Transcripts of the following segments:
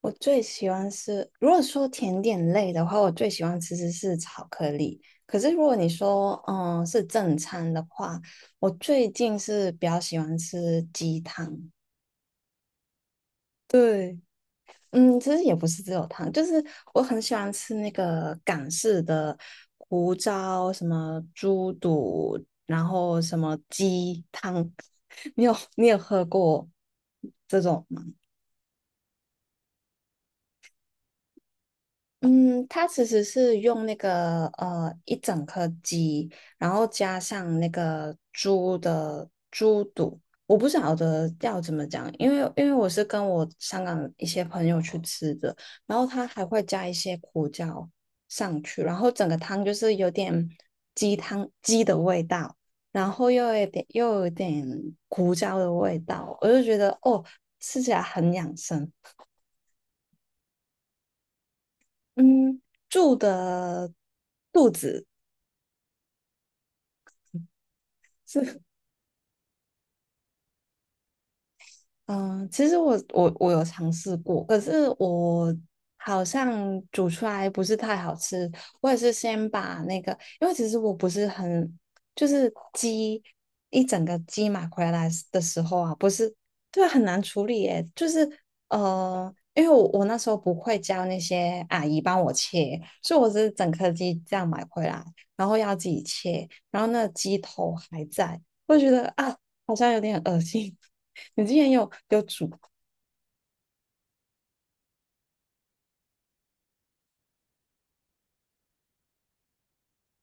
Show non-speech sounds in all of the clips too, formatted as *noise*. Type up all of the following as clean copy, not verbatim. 我最喜欢吃，如果说甜点类的话，我最喜欢吃的是巧克力。可是如果你说，是正餐的话，我最近是比较喜欢吃鸡汤。对。其实也不是只有汤，就是我很喜欢吃那个港式的胡椒，什么猪肚，然后什么鸡汤。*laughs* 你有喝过这种吗？嗯，它其实是用那个一整颗鸡，然后加上那个猪的猪肚，我不晓得要怎么讲，因为我是跟我香港一些朋友去吃的，然后它还会加一些胡椒上去，然后整个汤就是有点鸡汤鸡的味道，然后又有点胡椒的味道，我就觉得哦，吃起来很养生。嗯，住的肚子。是。嗯、其实我有尝试过，可是我好像煮出来不是太好吃。我也是先把那个，因为其实我不是很，就是鸡一整个鸡买回来的时候啊，不是。对，很难处理耶。就是因为我那时候不会教那些阿姨帮我切，所以我是整颗鸡这样买回来，然后要自己切，然后那个鸡头还在，我就觉得啊，好像有点恶心。你之前有有煮？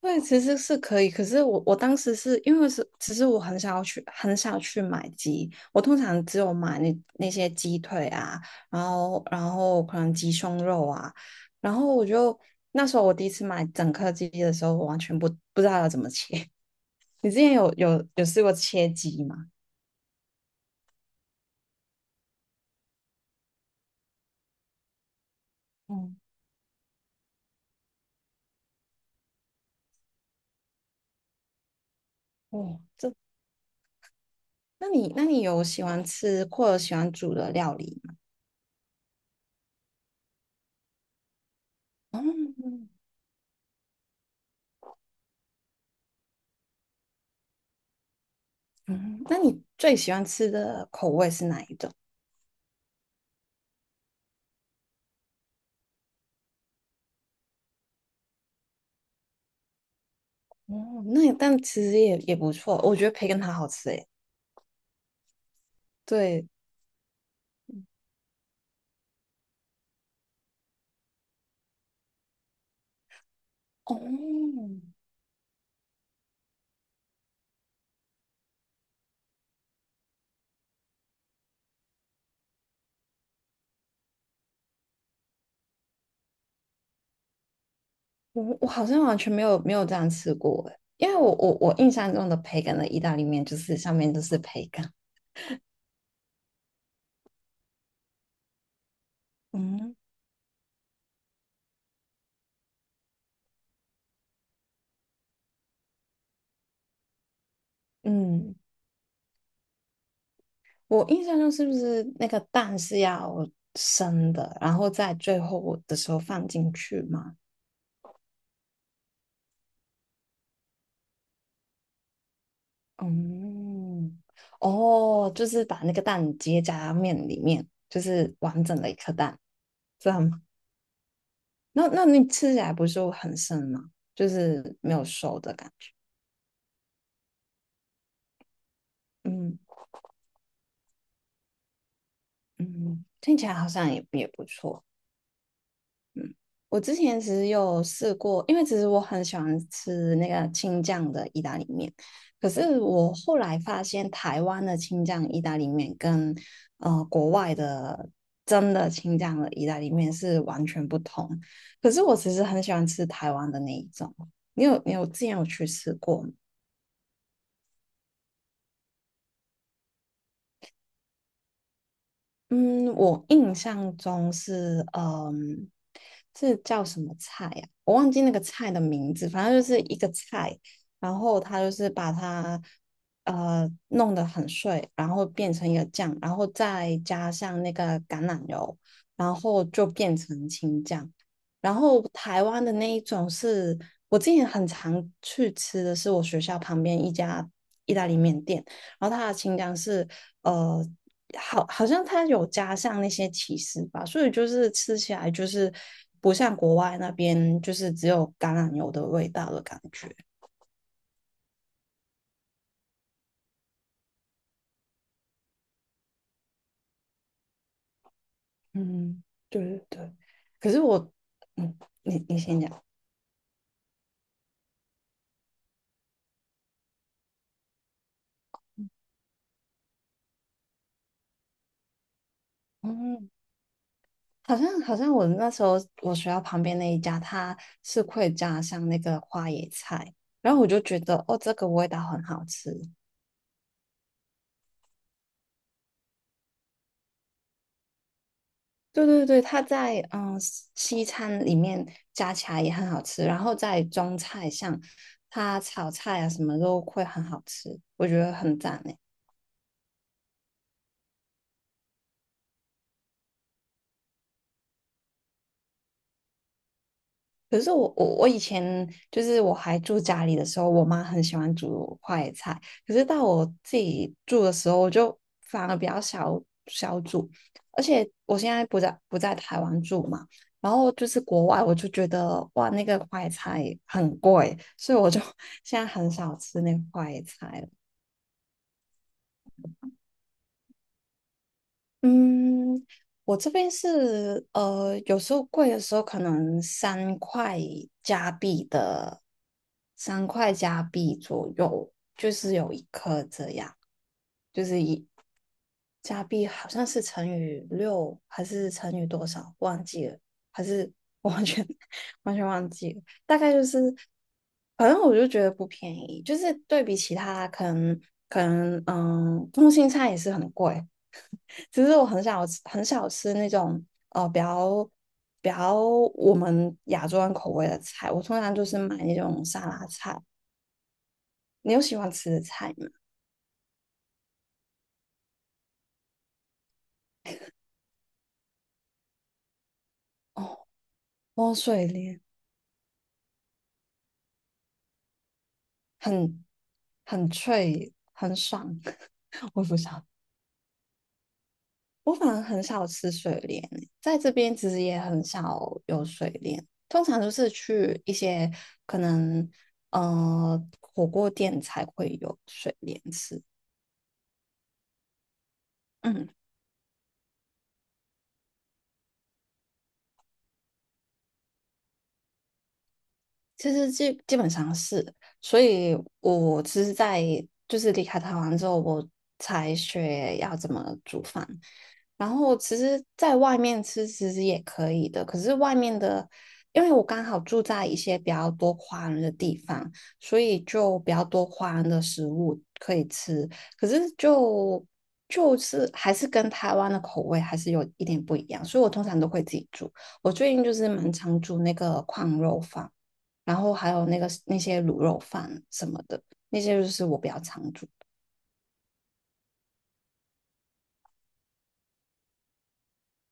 对，其实是可以。可是我当时是因为是，其实我很少去买鸡，我通常只有买那些鸡腿啊，然后可能鸡胸肉啊，然后我就那时候我第一次买整颗鸡的时候，我完全不知道要怎么切。*laughs* 你之前有试过切鸡吗？嗯，哦，这，那你有喜欢吃或者喜欢煮的料理吗？哦，嗯，那你最喜欢吃的口味是哪一种？哦，那也但其实也不错，我觉得培根它好吃诶。对，哦，我我好像完全没有这样吃过诶，因为我印象中的培根的意大利面就是上面都是培根。嗯嗯，我印象中是不是那个蛋是要生的，然后在最后的时候放进去嘛？嗯，哦，就是把那个蛋结夹在面里面，就是完整的一颗蛋，这样那那你吃起来不是很生吗？就是没有熟的感觉。嗯嗯，听起来好像也不错。我之前其实有试过，因为其实我很喜欢吃那个青酱的意大利面，可是我后来发现台湾的青酱意大利面跟国外的真的青酱的意大利面是完全不同。可是我其实很喜欢吃台湾的那一种，你有之前有去吃过吗？嗯，我印象中是，嗯，这叫什么菜呀、我忘记那个菜的名字，反正就是一个菜，然后它就是把它弄得很碎，然后变成一个酱，然后再加上那个橄榄油，然后就变成青酱。然后台湾的那一种是我之前很常去吃的是我学校旁边一家意大利面店，然后它的青酱是。呃。好，好像它有加上那些起司吧，所以就是吃起来就是不像国外那边就是只有橄榄油的味道的感觉。嗯，对对对。可是我，嗯，你你先讲。嗯，好像我那时候我学校旁边那一家，它是会加上那个花椰菜，然后我就觉得哦，这个味道很好吃。对对对，它在西餐里面加起来也很好吃，然后在中菜上，它炒菜啊什么都会很好吃，我觉得很赞诶。可是我以前就是我还住家里的时候，我妈很喜欢煮快菜。可是到我自己住的时候，我就反而比较少煮。而且我现在不在台湾住嘛，然后就是国外，我就觉得哇，那个快菜很贵，所以我就 *laughs* 现在很少吃那个快菜了。嗯，我这边是有时候贵的时候可能三块加币的，三块加币左右，就是有一颗这样，就是一加币好像是乘以六还是乘以多少忘记了，还是我完全 *laughs* 完全忘记了，大概就是，反正我就觉得不便宜，就是对比其他可能嗯，通心菜也是很贵。其实我很少吃，很少吃那种比较比较我们亚洲人口味的菜，我通常就是买那种沙拉菜。你有喜欢吃的菜吗？哦，莴笋莲很很脆，很爽，*laughs* 我不知道我反而很少吃水莲欸，在这边其实也很少有水莲，通常都是去一些可能火锅店才会有水莲吃。嗯。其实基本上是，所以我其实，在就是离开台湾之后，我才学要怎么煮饭。然后其实在外面吃其实也可以的，可是外面的，因为我刚好住在一些比较多华人的地方，所以就比较多华人的食物可以吃。可是就是还是跟台湾的口味还是有一点不一样，所以我通常都会自己煮。我最近就是蛮常煮那个矿肉饭。然后还有那些卤肉饭什么的，那些就是我比较常煮。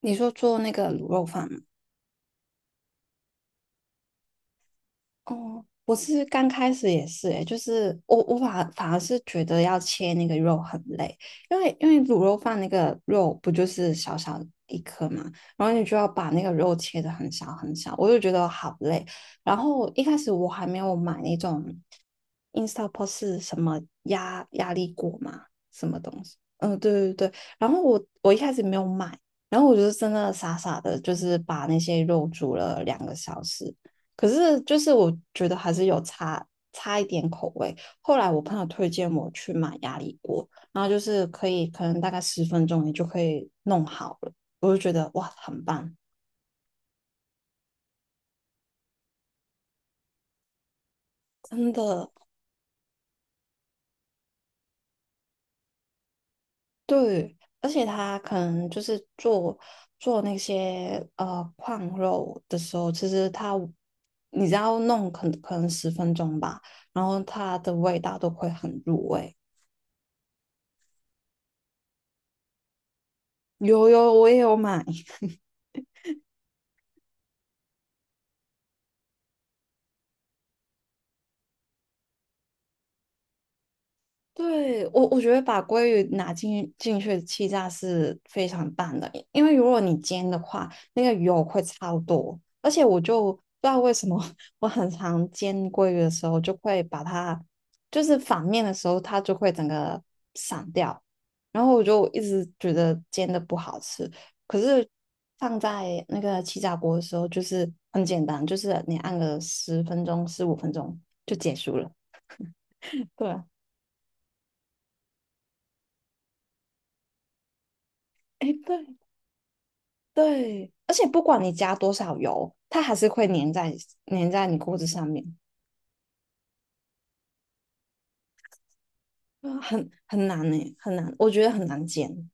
你说做那个卤肉饭吗？哦，我是刚开始也是诶，就是我反而是觉得要切那个肉很累，因为卤肉饭那个肉不就是小小一颗嘛，然后你就要把那个肉切得很小很小，我就觉得好累。然后一开始我还没有买那种 Instapot 是什么压力锅嘛，什么东西？嗯，对对对。然后我一开始没有买，然后我就是真的傻傻的，就是把那些肉煮了2个小时。可是就是我觉得还是有差一点口味。后来我朋友推荐我去买压力锅，然后就是可以可能大概十分钟你就可以弄好了，我就觉得哇很棒，真的对。而且它可能就是做做那些矿肉的时候，其实它你只要弄可能十分钟吧，然后它的味道都会很入味。有有，我也有买。*laughs* 对，我觉得把鲑鱼拿进去气炸是非常棒的，因为如果你煎的话，那个油会超多，而且我就不知道为什么 *laughs*，我很常煎鲑鱼的时候就会把它，就是反面的时候它就会整个散掉，然后我就一直觉得煎的不好吃，可是放在那个气炸锅的时候就是很简单，就是你按个十分钟、15分钟就结束了。对啊，哎，对，对，而且不管你加多少油，它还是会粘在你锅子上面，啊很难呢、很难，我觉得很难煎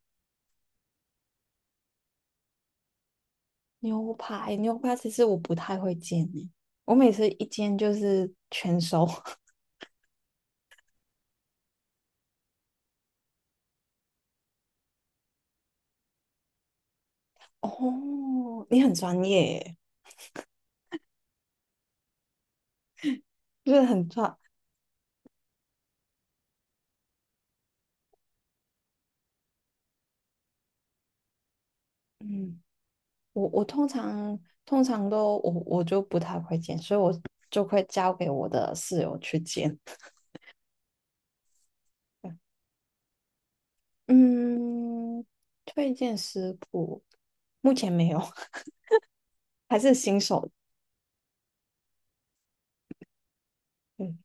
牛排。牛排其实我不太会煎呢、我每次一煎就是全熟。*laughs* 哦，你很专业耶，就是很专。嗯，我通常都我就不太会煎，所以我就会交给我的室友去煎。*laughs* 嗯，推荐食谱目前没有。还是新手，嗯，